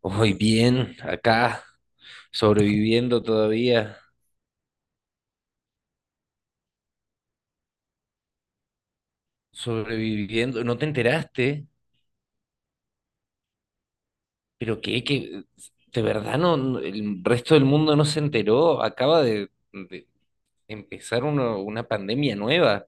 Hoy bien, acá, sobreviviendo todavía, sobreviviendo. ¿No te enteraste? ¿Pero qué? ¿Qué? ¿De verdad el resto del mundo no se enteró? Acaba de empezar una pandemia nueva.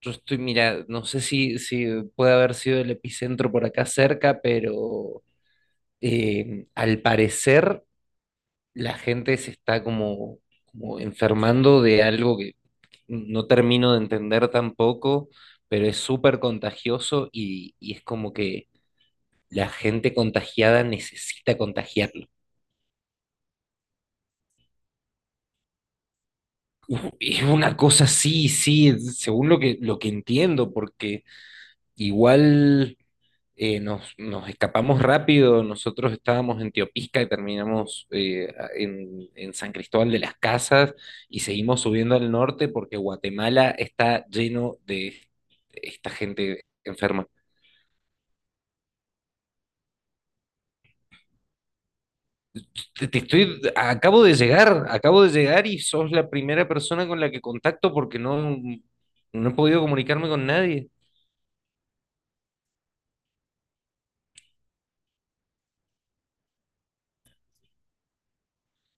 Yo estoy, mira, no sé si puede haber sido el epicentro por acá cerca, pero al parecer la gente se está como, como enfermando de algo que no termino de entender tampoco, pero es súper contagioso y es como que la gente contagiada necesita contagiarlo. Uf, es una cosa, sí, sí, según lo que entiendo, porque igual nos escapamos rápido, nosotros estábamos en Teopisca y terminamos en San Cristóbal de las Casas y seguimos subiendo al norte porque Guatemala está lleno de esta gente enferma. Te estoy, acabo de llegar y sos la primera persona con la que contacto porque no, no he podido comunicarme con nadie.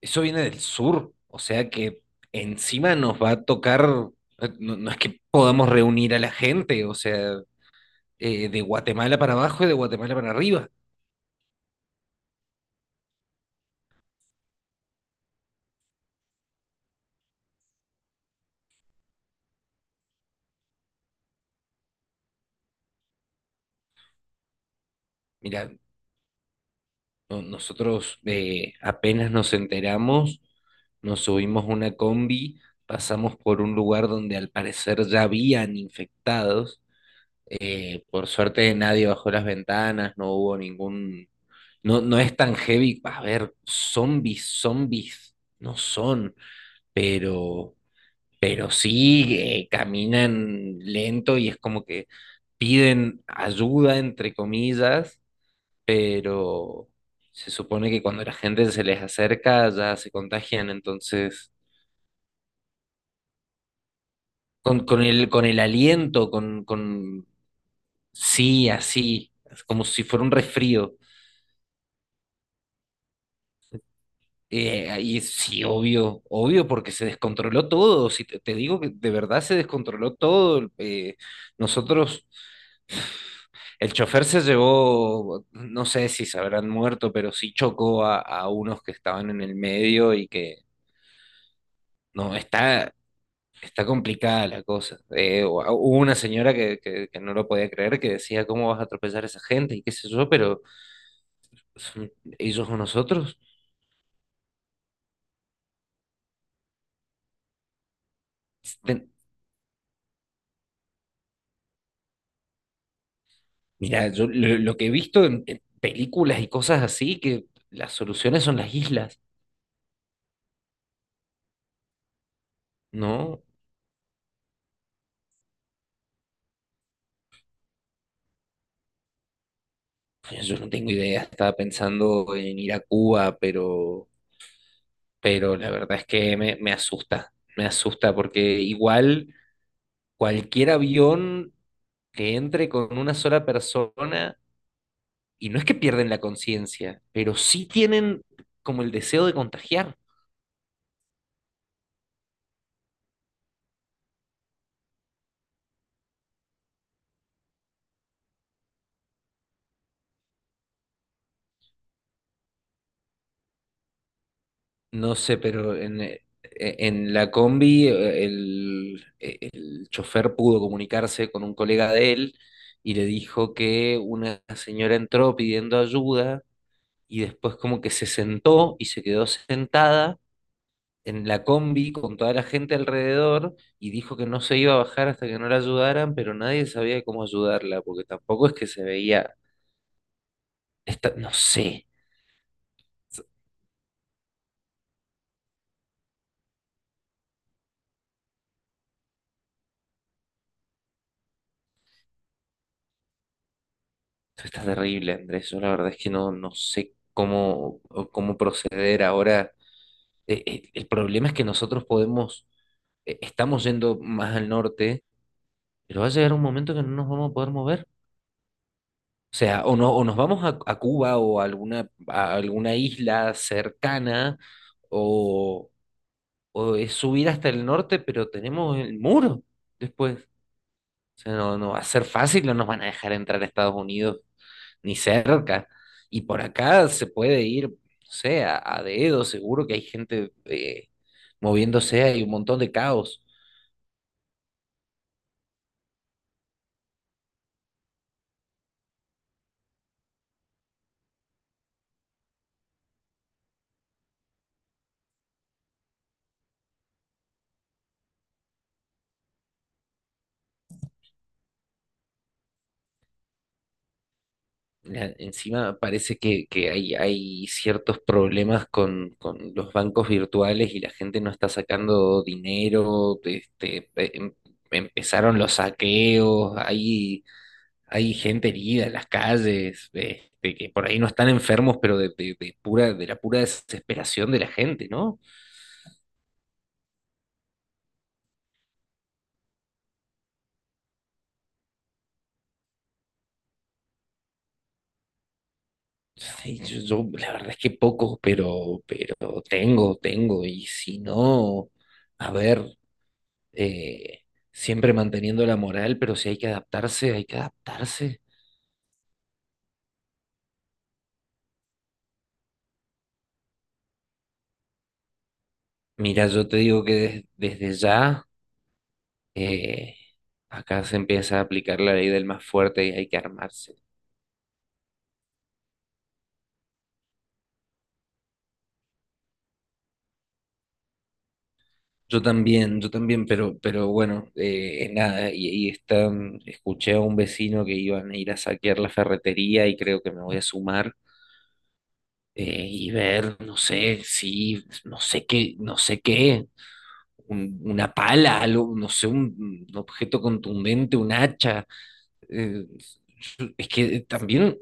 Eso viene del sur, o sea que encima nos va a tocar, no, no es que podamos reunir a la gente, o sea, de Guatemala para abajo y de Guatemala para arriba. Mira, nosotros apenas nos enteramos, nos subimos a una combi, pasamos por un lugar donde al parecer ya habían infectados. Por suerte nadie bajó las ventanas, no hubo ningún... No, no es tan heavy, a ver, zombies, zombies, no son, pero pero sí caminan lento y es como que piden ayuda, entre comillas, pero se supone que cuando la gente se les acerca ya se contagian, entonces con el aliento, con sí, así, es como si fuera un resfrío. Y sí, obvio, obvio, porque se descontroló todo. Si te digo que de verdad se descontroló todo. Nosotros el chofer se llevó, no sé si se habrán muerto, pero sí chocó a unos que estaban en el medio y que no, está, está complicada la cosa. Hubo una señora que, que no lo podía creer, que decía, ¿cómo vas a atropellar a esa gente? Y qué sé yo, pero son ellos o nosotros. Ten- Mira, yo lo que he visto en películas y cosas así, que las soluciones son las islas, ¿no? Yo no tengo idea, estaba pensando en ir a Cuba, pero la verdad es que me, me asusta porque igual cualquier avión que entre con una sola persona, y no es que pierden la conciencia, pero sí tienen como el deseo de contagiar. No sé, pero en la combi el chofer pudo comunicarse con un colega de él y le dijo que una señora entró pidiendo ayuda y después como que se sentó y se quedó sentada en la combi con toda la gente alrededor y dijo que no se iba a bajar hasta que no la ayudaran, pero nadie sabía cómo ayudarla, porque tampoco es que se veía, está, no sé, está terrible, Andrés, yo la verdad es que no, no sé cómo, cómo proceder ahora. El problema es que nosotros podemos, estamos yendo más al norte, pero va a llegar un momento que no nos vamos a poder mover. O sea, o, no, o nos vamos a Cuba o a alguna isla cercana, o, o es subir hasta el norte, pero tenemos el muro después. O sea, no, no va a ser fácil, no nos van a dejar entrar a Estados Unidos ni cerca. Y por acá se puede ir, no sé, a dedo, seguro que hay gente moviéndose, hay un montón de caos. Encima parece que hay ciertos problemas con los bancos virtuales y la gente no está sacando dinero, este, empezaron los saqueos, hay hay gente herida en las calles, este, que por ahí no están enfermos, pero de, de pura, de la pura desesperación de la gente, ¿no? Sí, yo, la verdad es que poco, pero tengo, tengo, y si no, a ver, eh, siempre manteniendo la moral, pero si hay que adaptarse, hay que adaptarse. Mira, yo te digo que desde ya, eh, acá se empieza a aplicar la ley del más fuerte y hay que armarse. Yo también, pero bueno, nada, y están, escuché a un vecino que iban a ir a saquear la ferretería y creo que me voy a sumar y ver, no sé, si, no sé qué, no sé qué, una pala, algo, no sé, un objeto contundente, un hacha. eh, yo- es que también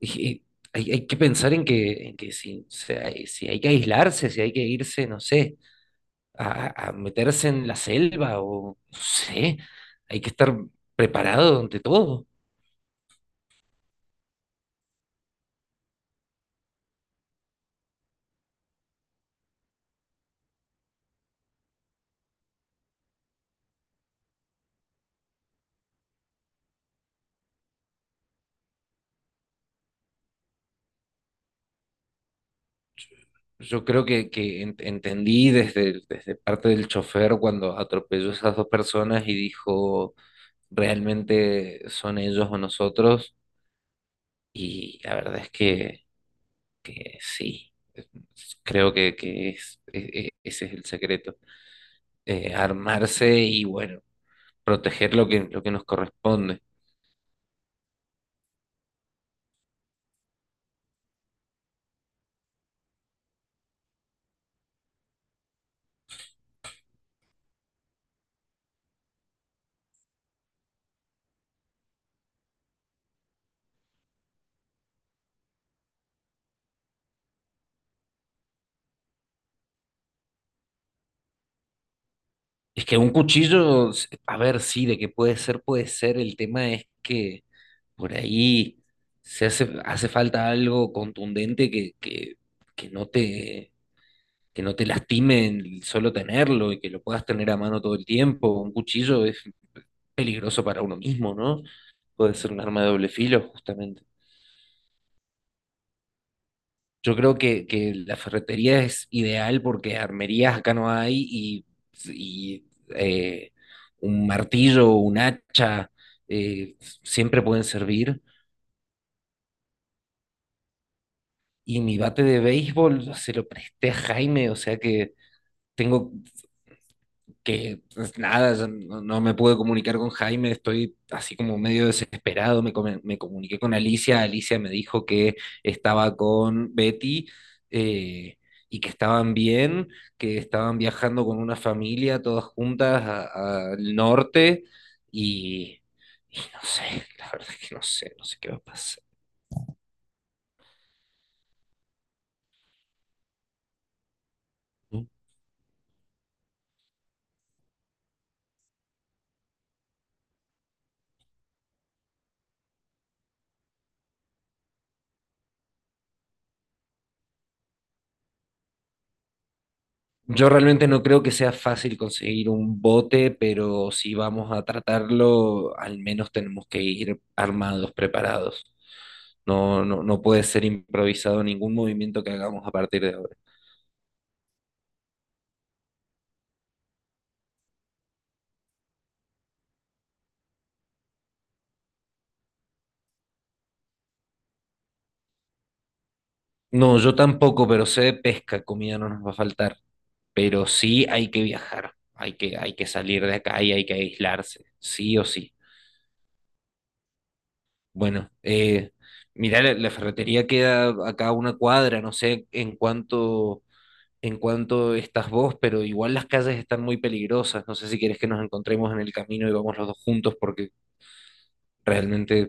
eh, hay, hay que pensar en que si, si hay que aislarse, si hay que irse, no sé a meterse en la selva o no sé, hay que estar preparado ante todo. Yo creo que entendí desde, desde parte del chofer cuando atropelló a esas dos personas y dijo, ¿realmente son ellos o nosotros? Y la verdad es que sí, creo que es, ese es el secreto. Armarse y bueno, proteger lo que nos corresponde. Es que un cuchillo, a ver, sí, de que puede ser, puede ser. El tema es que por ahí se hace, hace falta algo contundente que no te, que no te lastime el solo tenerlo y que lo puedas tener a mano todo el tiempo. Un cuchillo es peligroso para uno mismo, ¿no? Puede ser un arma de doble filo, justamente. Yo creo que la ferretería es ideal porque armerías acá no hay y, eh, un martillo, un hacha, eh, siempre pueden servir. Y mi bate de béisbol se lo presté a Jaime, o sea que tengo que pues, nada, yo no, no me pude comunicar con Jaime, estoy así como medio desesperado, me, me comuniqué con Alicia, Alicia me dijo que estaba con Betty eh, y que estaban bien, que estaban viajando con una familia todas juntas al norte y, y no sé, la verdad es que no sé, no sé qué va a pasar. Yo realmente no creo que sea fácil conseguir un bote, pero si vamos a tratarlo, al menos tenemos que ir armados, preparados. No, no, no puede ser improvisado ningún movimiento que hagamos a partir de ahora. No, yo tampoco, pero sé de pesca, comida no nos va a faltar. Pero sí hay que viajar, hay que salir de acá y hay que aislarse, sí o sí. Bueno, mirá, la ferretería queda acá a una cuadra, no sé en cuánto en cuanto estás vos, pero igual las calles están muy peligrosas. No sé si quieres que nos encontremos en el camino y vamos los dos juntos porque realmente